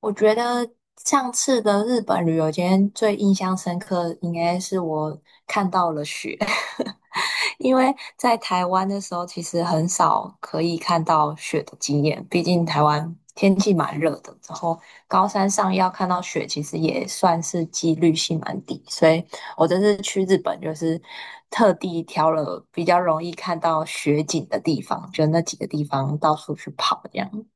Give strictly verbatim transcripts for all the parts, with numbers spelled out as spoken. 我觉得上次的日本旅游，今天最印象深刻应该是我看到了雪，因为在台湾的时候其实很少可以看到雪的经验，毕竟台湾天气蛮热的，然后高山上要看到雪其实也算是几率性蛮低，所以我这次去日本就是特地挑了比较容易看到雪景的地方，就那几个地方到处去跑这样。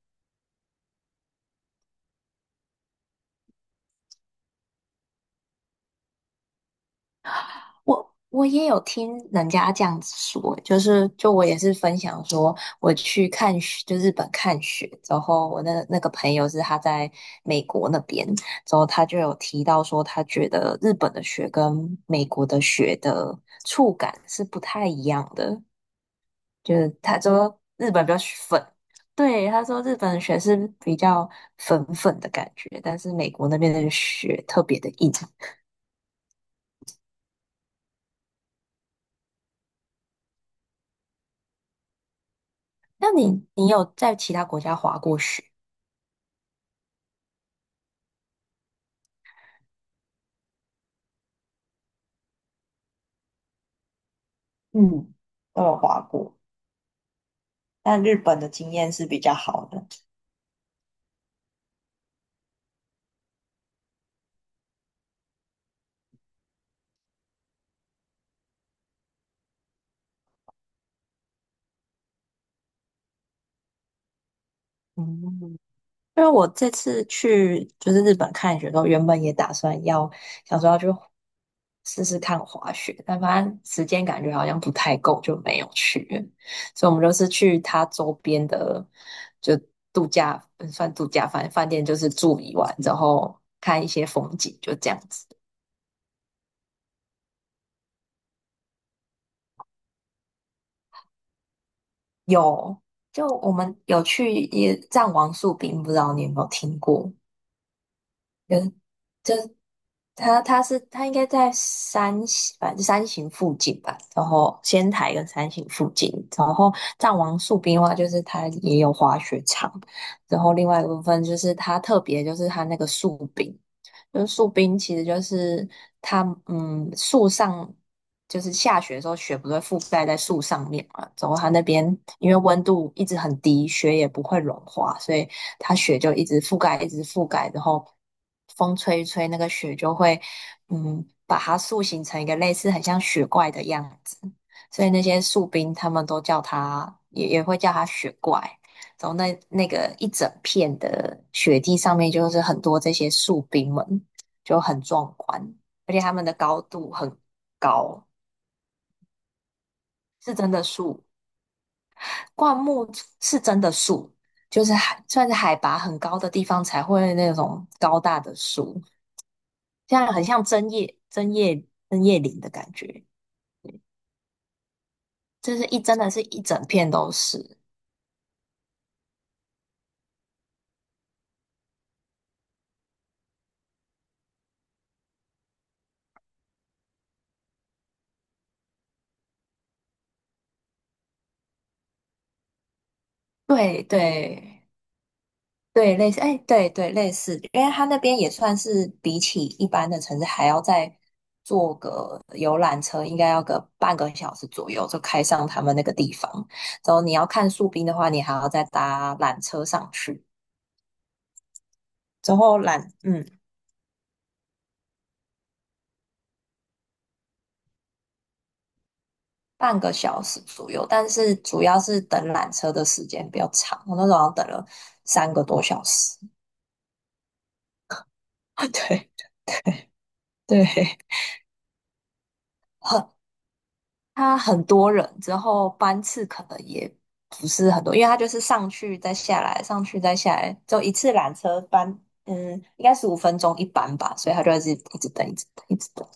我我也有听人家这样子说，就是就我也是分享说，我去看雪，就日本看雪之后，我那那个朋友是他在美国那边，之后他就有提到说，他觉得日本的雪跟美国的雪的触感是不太一样的，就是他说日本比较粉，对，他说日本的雪是比较粉粉的感觉，但是美国那边的雪特别的硬。那你你有在其他国家滑过雪？嗯，都有滑过，但日本的经验是比较好的。嗯，因为我这次去就是日本看雪的时候，原本也打算要想说要去试试看滑雪，但发现时间感觉好像不太够，就没有去了，所以我们就是去它周边的，就度假，嗯，算度假饭饭店，就是住一晚然后看一些风景，就这样子。有，就我们有去也藏王树冰，不知道你有没有听过？嗯，就他他是他应该在三星反正三型附近吧，然后仙台跟三型附近，然后藏王树冰的话，就是它也有滑雪场，然后另外一个部分就是它特别就是它那个树冰，就是树冰其实就是它，嗯，树上就是下雪的时候雪不是会覆盖在树上面嘛，然后它那边因为温度一直很低，雪也不会融化，所以它雪就一直覆盖，一直覆盖，然后风吹一吹，那个雪就会，嗯把它塑形成一个类似很像雪怪的样子，所以那些树冰他们都叫它，也也会叫它雪怪。然后那那个一整片的雪地上面就是很多这些树冰们，就很壮观，而且它们的高度很高，是真的树。灌木是真的树，就是海，算是海拔很高的地方才会那种高大的树，这样很像针叶、针叶、针叶林的感觉，就是一真的是一整片都是。对对对，类似，哎，对对，类似，因为它那边也算是比起一般的城市还要再坐个游览车，应该要个半个小时左右就开上他们那个地方。然后你要看树冰的话，你还要再搭缆车上去。之后缆，嗯，半个小时左右，但是主要是等缆车的时间比较长，我那时候好像等了三个多小时。对对，对，很，他很多人，之后班次可能也不是很多，因为他就是上去再下来，上去再下来，就一次缆车班，嗯，应该十五分钟一班吧，所以他就一直一直等，一直等，一直等。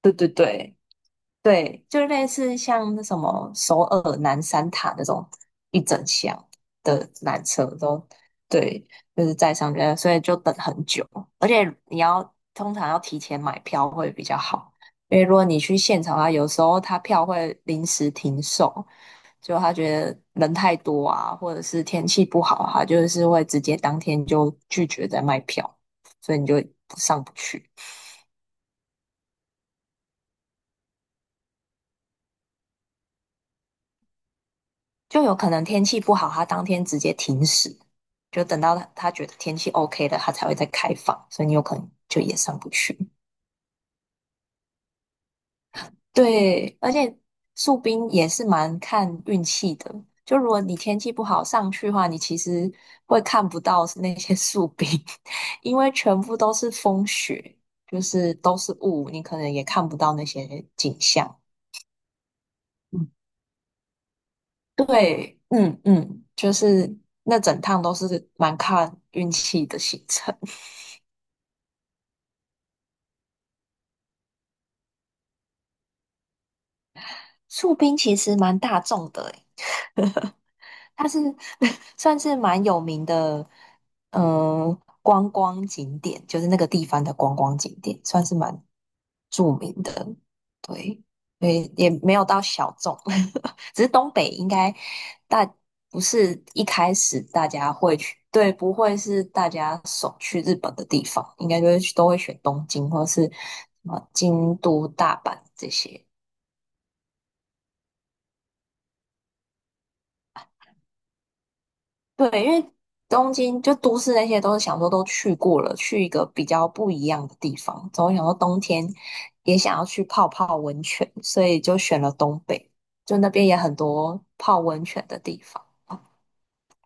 对对对，对，就类似像那什么首尔南山塔那种一整箱的缆车都，对，就是在上面，所以就等很久，而且你要通常要提前买票会比较好，因为如果你去现场啊，有时候他票会临时停售，就他觉得人太多啊，或者是天气不好啊，他就是会直接当天就拒绝再卖票，所以你就上不去。就有可能天气不好，它当天直接停驶，就等到它它觉得天气 O K 了，它才会再开放，所以你有可能就也上不去。对，而且树冰也是蛮看运气的，就如果你天气不好上去的话，你其实会看不到那些树冰，因为全部都是风雪，就是都是雾，你可能也看不到那些景象。嗯，对，嗯嗯，就是那整趟都是蛮看运气的行程。树冰其实蛮大众的诶，它是， 算是蛮有名的，嗯、观光景点，就是那个地方的观光景点，算是蛮著名的。对，所以也没有到小众，只是东北应该大不是一开始大家会去，对，不会是大家首去日本的地方，应该就是都会选东京或是什么京都、大阪这些。对，因为东京就都市那些都是想说都去过了，去一个比较不一样的地方。总想说冬天也想要去泡泡温泉，所以就选了东北，就那边也很多泡温泉的地方。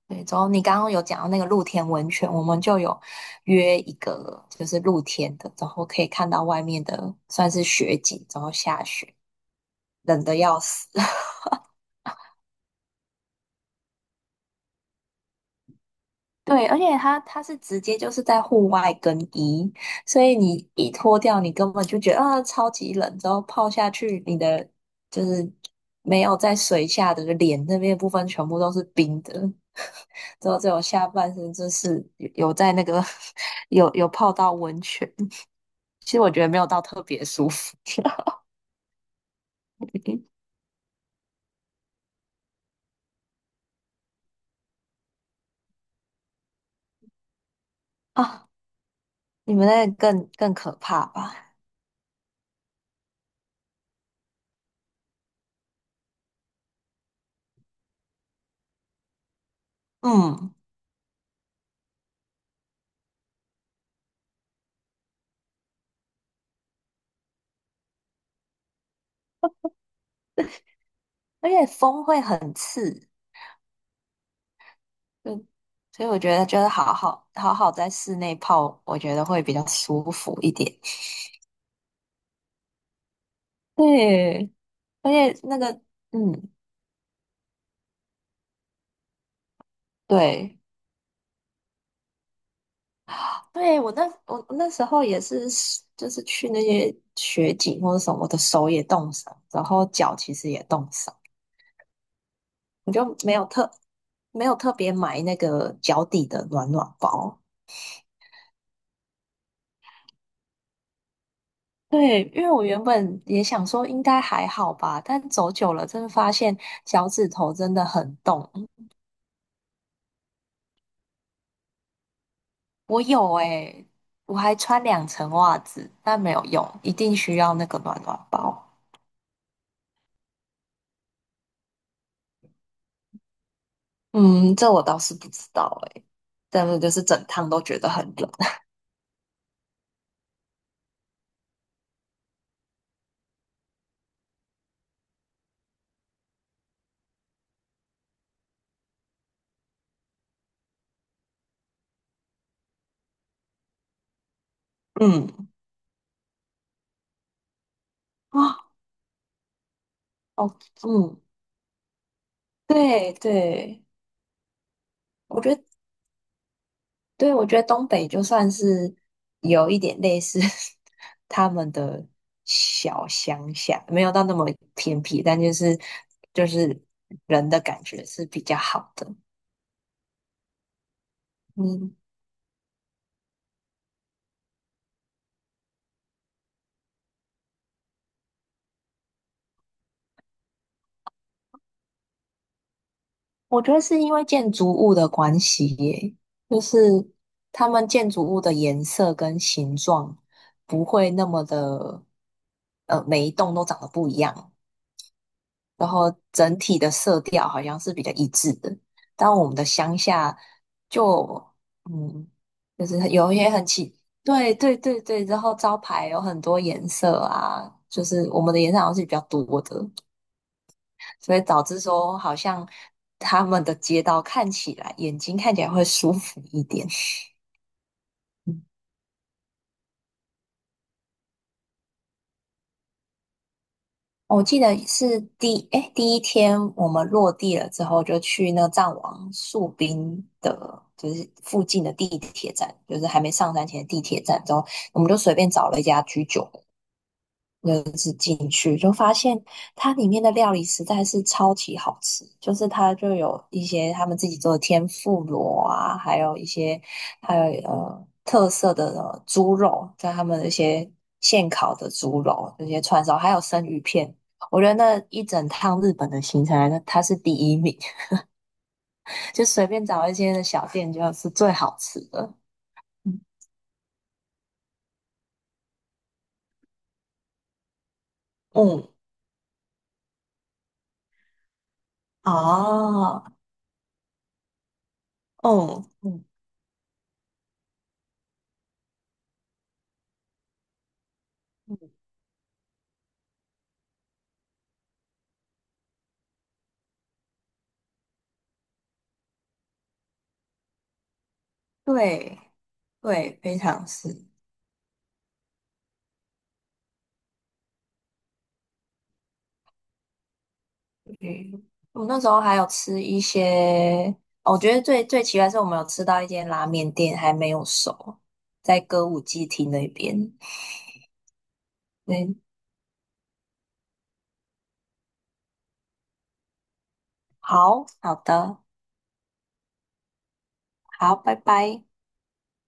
对，然后你刚刚有讲到那个露天温泉，我们就有约一个就是露天的，然后可以看到外面的算是雪景，然后下雪，冷的要死。对，而且它它是直接就是在户外更衣，所以你一脱掉，你根本就觉得啊超级冷，之后泡下去，你的就是没有在水下的脸那边的部分全部都是冰的，之后只有下半身就是有有在那个 有有泡到温泉，其实我觉得没有到特别舒服。 啊，你们那个更更可怕吧？嗯，而且风会很刺，嗯，所以我觉得就是好好好好在室内泡，我觉得会比较舒服一点。对，而且那个，嗯，对，对我那我那时候也是，就是去那些雪景或者什么，我的手也冻伤，然后脚其实也冻伤，我就没有特没有特别买那个脚底的暖暖包。对，因为我原本也想说应该还好吧，但走久了真的发现脚趾头真的很冻。我有诶、我还穿两层袜子，但没有用，一定需要那个暖暖包。嗯，这我倒是不知道诶、但是就是整趟都觉得很冷。嗯啊，哦，嗯，对对，我觉得对，我觉得东北就算是有一点类似 他们的小乡下，没有到那么偏僻，但就是就是人的感觉是比较好的。嗯，我觉得是因为建筑物的关系耶，就是他们建筑物的颜色跟形状不会那么的，呃，每一栋都长得不一样，然后整体的色调好像是比较一致的。但我们的乡下就，嗯，就是有一些很奇，对对对对，然后招牌有很多颜色啊，就是我们的颜色好像是比较多的。所以导致说好像他们的街道看起来眼睛看起来会舒服一点。嗯，我记得是第，哎，第一天我们落地了之后，就去那个藏王树冰的，就是附近的地铁站，就是还没上山前的地铁站之后，我们就随便找了一家居酒，它里面的料理实在是超级好吃，就是它就有一些他们自己做的天妇罗啊，还有一些还有呃特色的呃猪肉，在他们的一些现烤的猪肉、这些串烧，还有生鱼片。我觉得那一整趟日本的行程来说，它是第一名，就随便找一些的小店就是最好吃的。嗯，嗯，哦，嗯啊，嗯嗯，对对，非常是。嗯，我那时候还有吃一些，哦，我觉得最最奇怪是我们有吃到一间拉面店还没有熟，在歌舞伎町那边。嗯，好好的，好，拜拜。